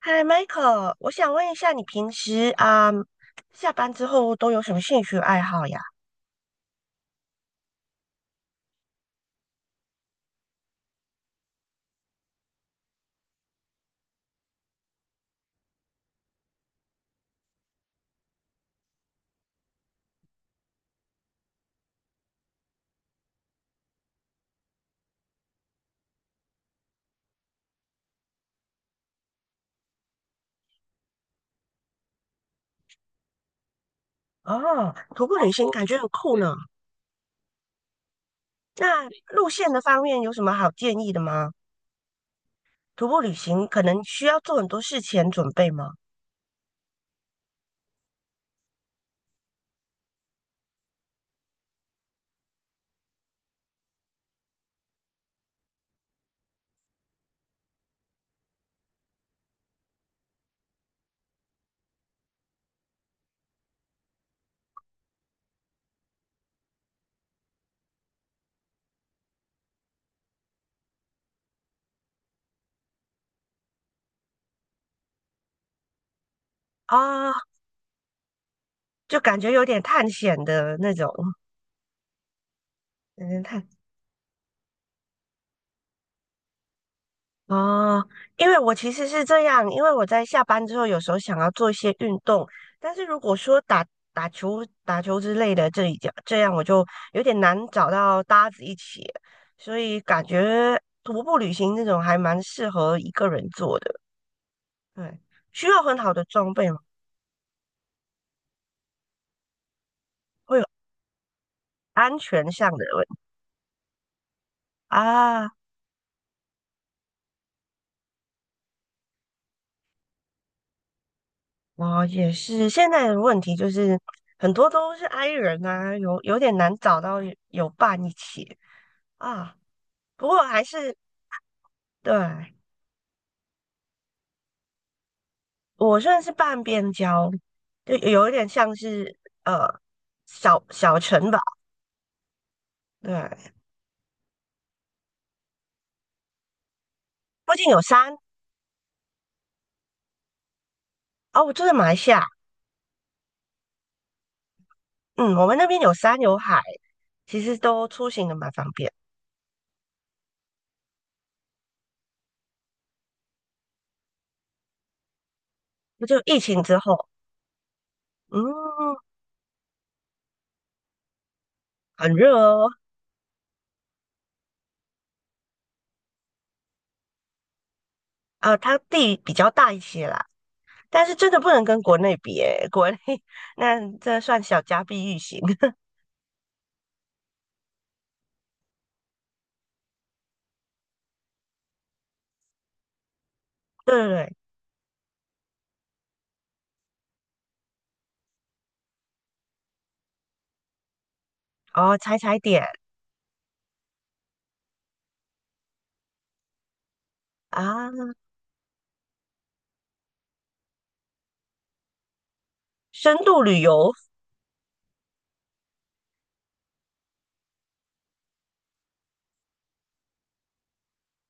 嗨，Michael，我想问一下，你平时啊、下班之后都有什么兴趣爱好呀？哦，徒步旅行感觉很酷呢。那路线的方面有什么好建议的吗？徒步旅行可能需要做很多事前准备吗？啊、就感觉有点探险的那种。嗯，探哦，因为我其实是这样，因为我在下班之后有时候想要做一些运动，但是如果说打球之类的，这一家这样我就有点难找到搭子一起，所以感觉徒步旅行这种还蛮适合一个人做的。对，需要很好的装备吗？会有安全上的问题啊。我也是，现在的问题就是很多都是 i 人啊，有点难找到有伴一起啊。不过还是。对，我算是半边郊，就有一点像是呃小小城堡。对，附近有山。哦，我住在马来西亚。嗯，我们那边有山有海，其实都出行的蛮方便。就疫情之后。嗯，很热哦。啊、它地比较大一些啦，但是真的不能跟国内比诶，国内 那这算小家碧玉型。对对对。哦，踩踩点啊，深度旅游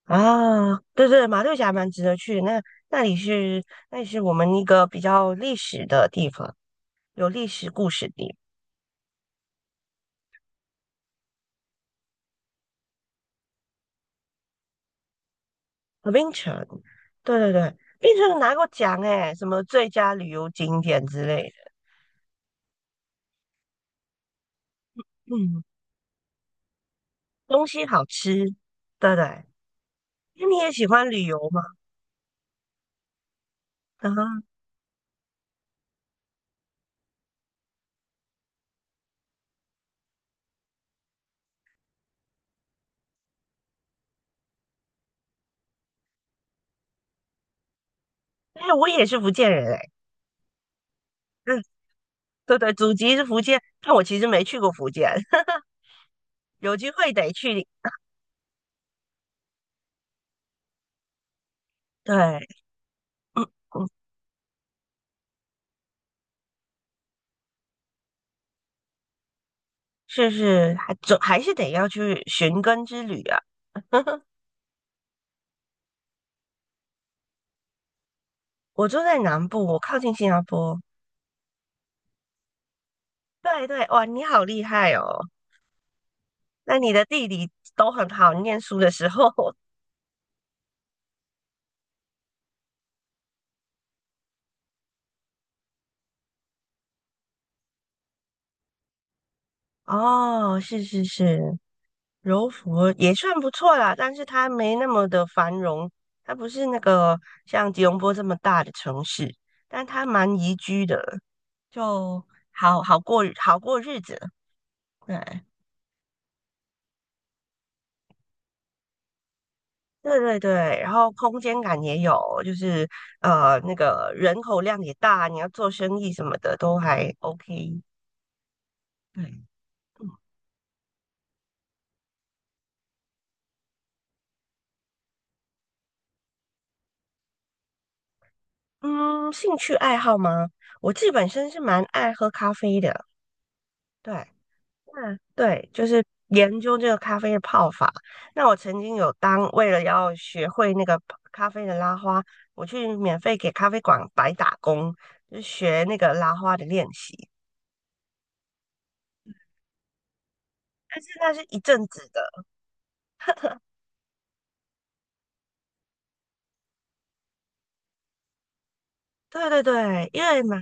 啊。对对，马六甲蛮值得去的。那里是那里是我们一个比较历史的地方，有历史故事地。槟城，对对对，槟城拿过奖诶，什么最佳旅游景点之类的。嗯，东西好吃，对对。那你也喜欢旅游吗？啊，哎，我也是福建人诶。嗯，对对，祖籍是福建，但我其实没去过福建。有机会得去。对，嗯嗯，是是，还是得要去寻根之旅啊。我住在南部，我靠近新加坡。对对，哇，你好厉害哦！那你的地理都很好，念书的时候。哦，是是是，柔佛也算不错啦，但是它没那么的繁荣，它不是那个像吉隆坡这么大的城市，但它蛮宜居的，就好好过日子。对，对对对，然后空间感也有，就是那个人口量也大，你要做生意什么的都还 OK。对，嗯兴趣爱好吗？我自己本身是蛮爱喝咖啡的。对，那对，就是研究这个咖啡的泡法。那我曾经有为了要学会那个咖啡的拉花，我去免费给咖啡馆白打工，就学那个拉花的练习。但是那是一阵子的。对对对，因为嘛。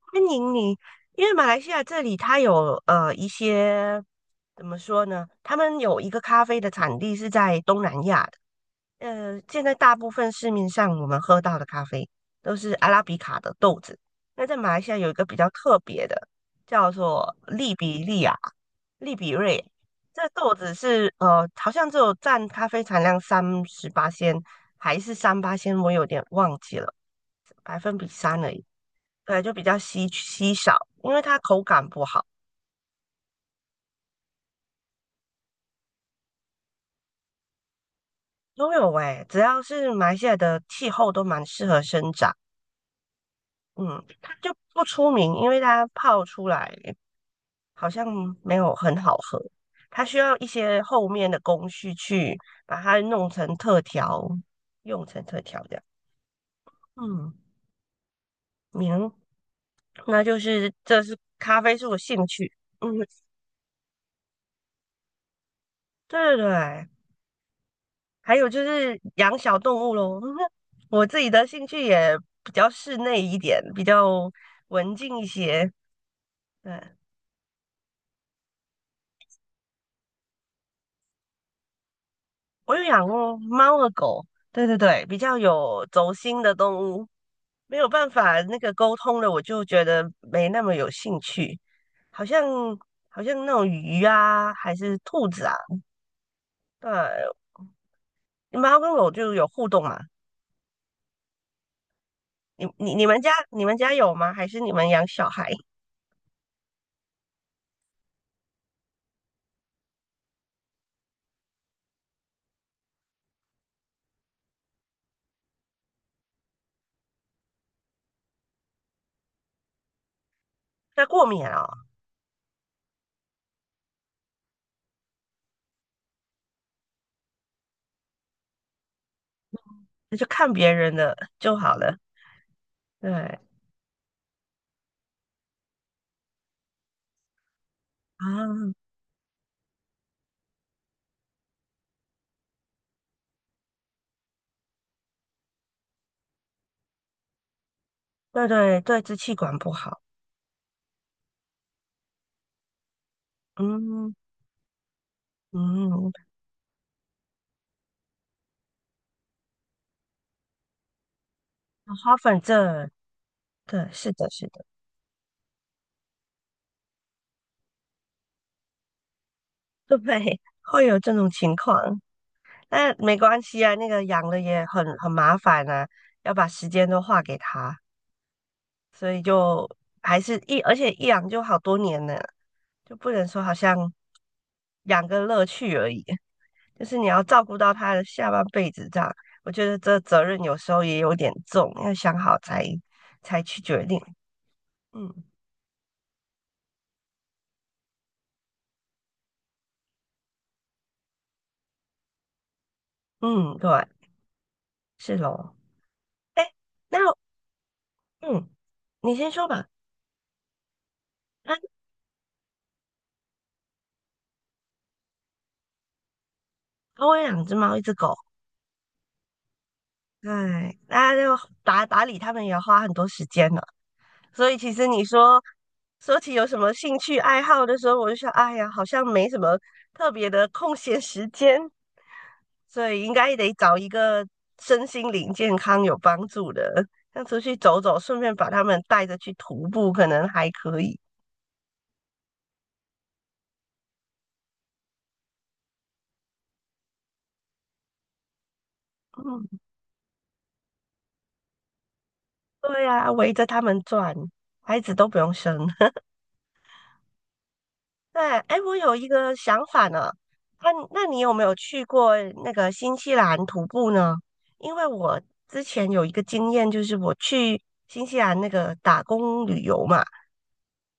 欢迎你，因为马来西亚这里它有一些，怎么说呢？他们有一个咖啡的产地是在东南亚的。现在大部分市面上我们喝到的咖啡都是阿拉比卡的豆子。那在马来西亚有一个比较特别的，叫做利比利亚、利比瑞。这豆子是好像只有占咖啡产量38仙，还是38仙，我有点忘记了，百分比3而已。对，就比较稀稀少，因为它口感不好。都有诶、只要是马来西亚的气候都蛮适合生长。嗯，它就不出名，因为它泡出来好像没有很好喝，它需要一些后面的工序去把它弄成特调，用成特调这样。嗯，明，那就是这是咖啡是我兴趣。嗯，对对对。还有就是养小动物咯。我自己的兴趣也比较室内一点，比较文静一些。对，我有养过猫和狗。对对对，比较有轴心的动物，没有办法那个沟通的，我就觉得没那么有兴趣。好像好像那种鱼啊，还是兔子啊。对，猫跟狗就有互动嘛。你们家有吗？还是你们养小孩？它过敏啊、那就看别人的就好了。对啊，对对对，支气管不好。嗯嗯，花粉症，对，是的，是的，对，会有这种情况。那没关系啊，那个养了也很麻烦啊，要把时间都花给他，所以就还是一，而且一养就好多年呢，就不能说好像养个乐趣而已，就是你要照顾到他的下半辈子这样，我觉得这责任有时候也有点重，要想好才去决定。嗯嗯，对，是咯。哎，那嗯，你先说吧。那我有养只猫，一只狗。哎，那就打打理它们也要花很多时间呢。所以其实你说起有什么兴趣爱好的时候，我就想，哎呀，好像没什么特别的空闲时间，所以应该得找一个身心灵健康有帮助的，像出去走走，顺便把他们带着去徒步，可能还可以。嗯。对呀、围着他们转，孩子都不用生。对，哎，我有一个想法呢。那你有没有去过那个新西兰徒步呢？因为我之前有一个经验，就是我去新西兰那个打工旅游嘛，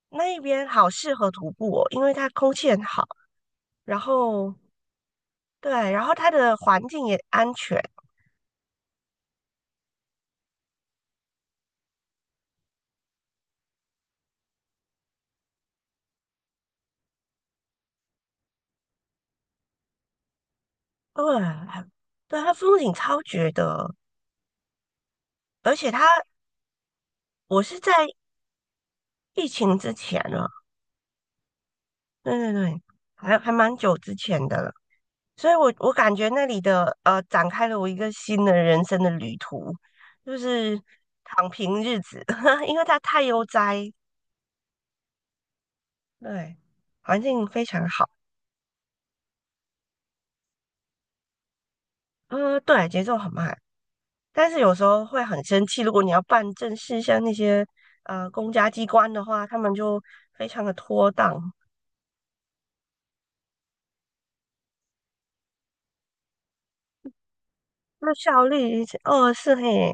那一边好适合徒步哦，因为它空气很好。然后对，然后它的环境也安全。对，对，它风景超绝的。而且它我是在疫情之前呢。对对对，还蛮久之前的了，所以我感觉那里的展开了我一个新的人生的旅途，就是躺平日子。因为它太悠哉，对，环境非常好。对，节奏很慢，但是有时候会很生气，如果你要办正事，像那些公家机关的话，他们就非常的拖档。那效率哦是嘿，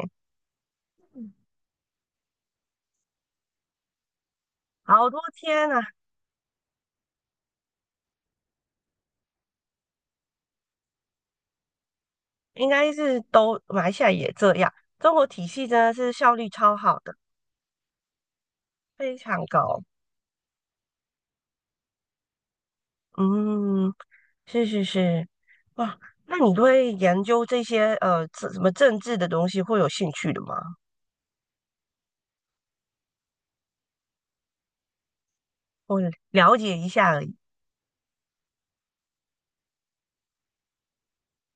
好多天啊。应该是都马来西亚也这样。中国体系真的是效率超好的，非常高。嗯，是是是，哇，那你对研究这些这什么政治的东西会有兴趣的吗？我了解一下而已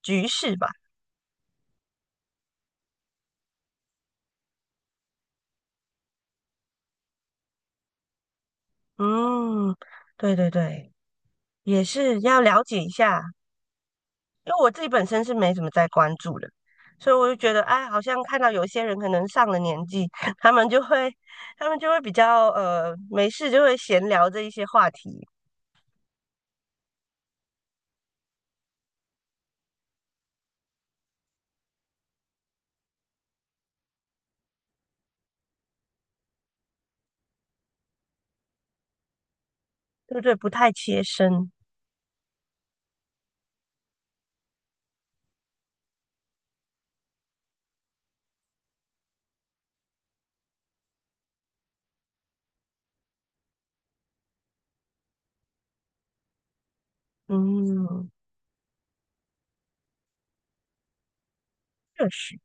局势吧。嗯，对对对，也是要了解一下。因为我自己本身是没怎么在关注的，所以我就觉得，哎，好像看到有一些人可能上了年纪。他们就会，他们就会比较没事就会闲聊这一些话题。对不对？不太切身。嗯，确实。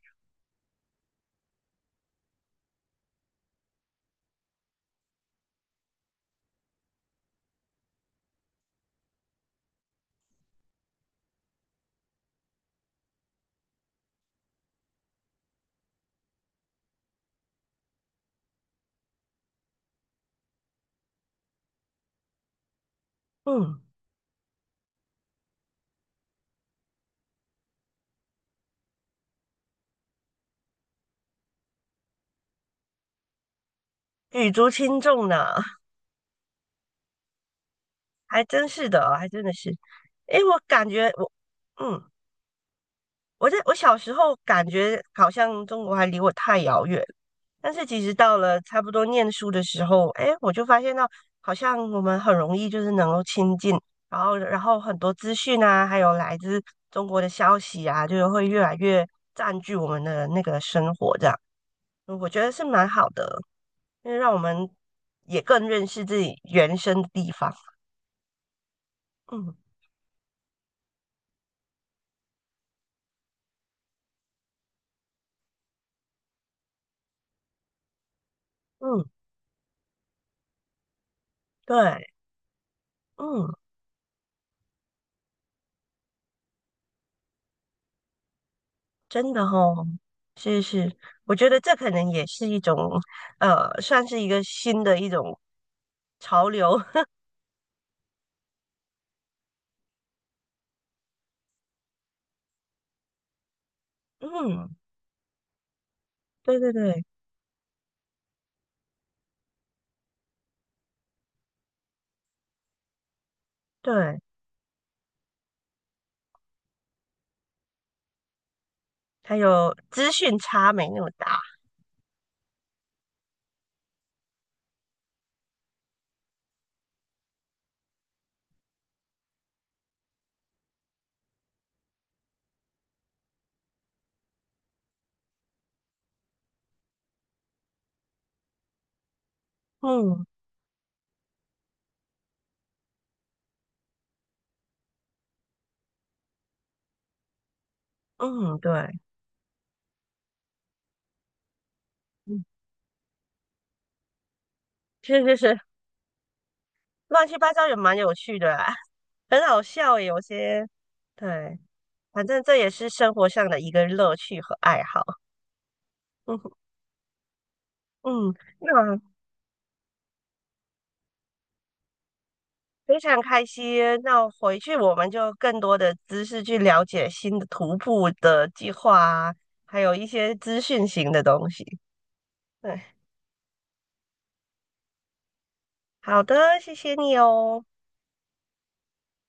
嗯，举足轻重呢，还真是的哦，还真的是。诶，我感觉我，嗯，在我小时候感觉好像中国还离我太遥远，但是其实到了差不多念书的时候，哎，我就发现到好像我们很容易就是能够亲近，然后很多资讯啊，还有来自中国的消息啊，就是会越来越占据我们的那个生活，这样我觉得是蛮好的，因为让我们也更认识自己原生的地方。嗯嗯，对，嗯。真的哦，是是，我觉得这可能也是一种，算是一个新的一种潮流。嗯，对对对对，还有资讯差没那么大。嗯嗯，对，嗯，是是是，乱七八糟也蛮有趣的啊 很好笑耶有些。对，反正这也是生活上的一个乐趣和爱好。嗯嗯，那。非常开心。那回去我们就更多的知识去了解新的徒步的计划啊，还有一些资讯型的东西。对，好的，谢谢你哦。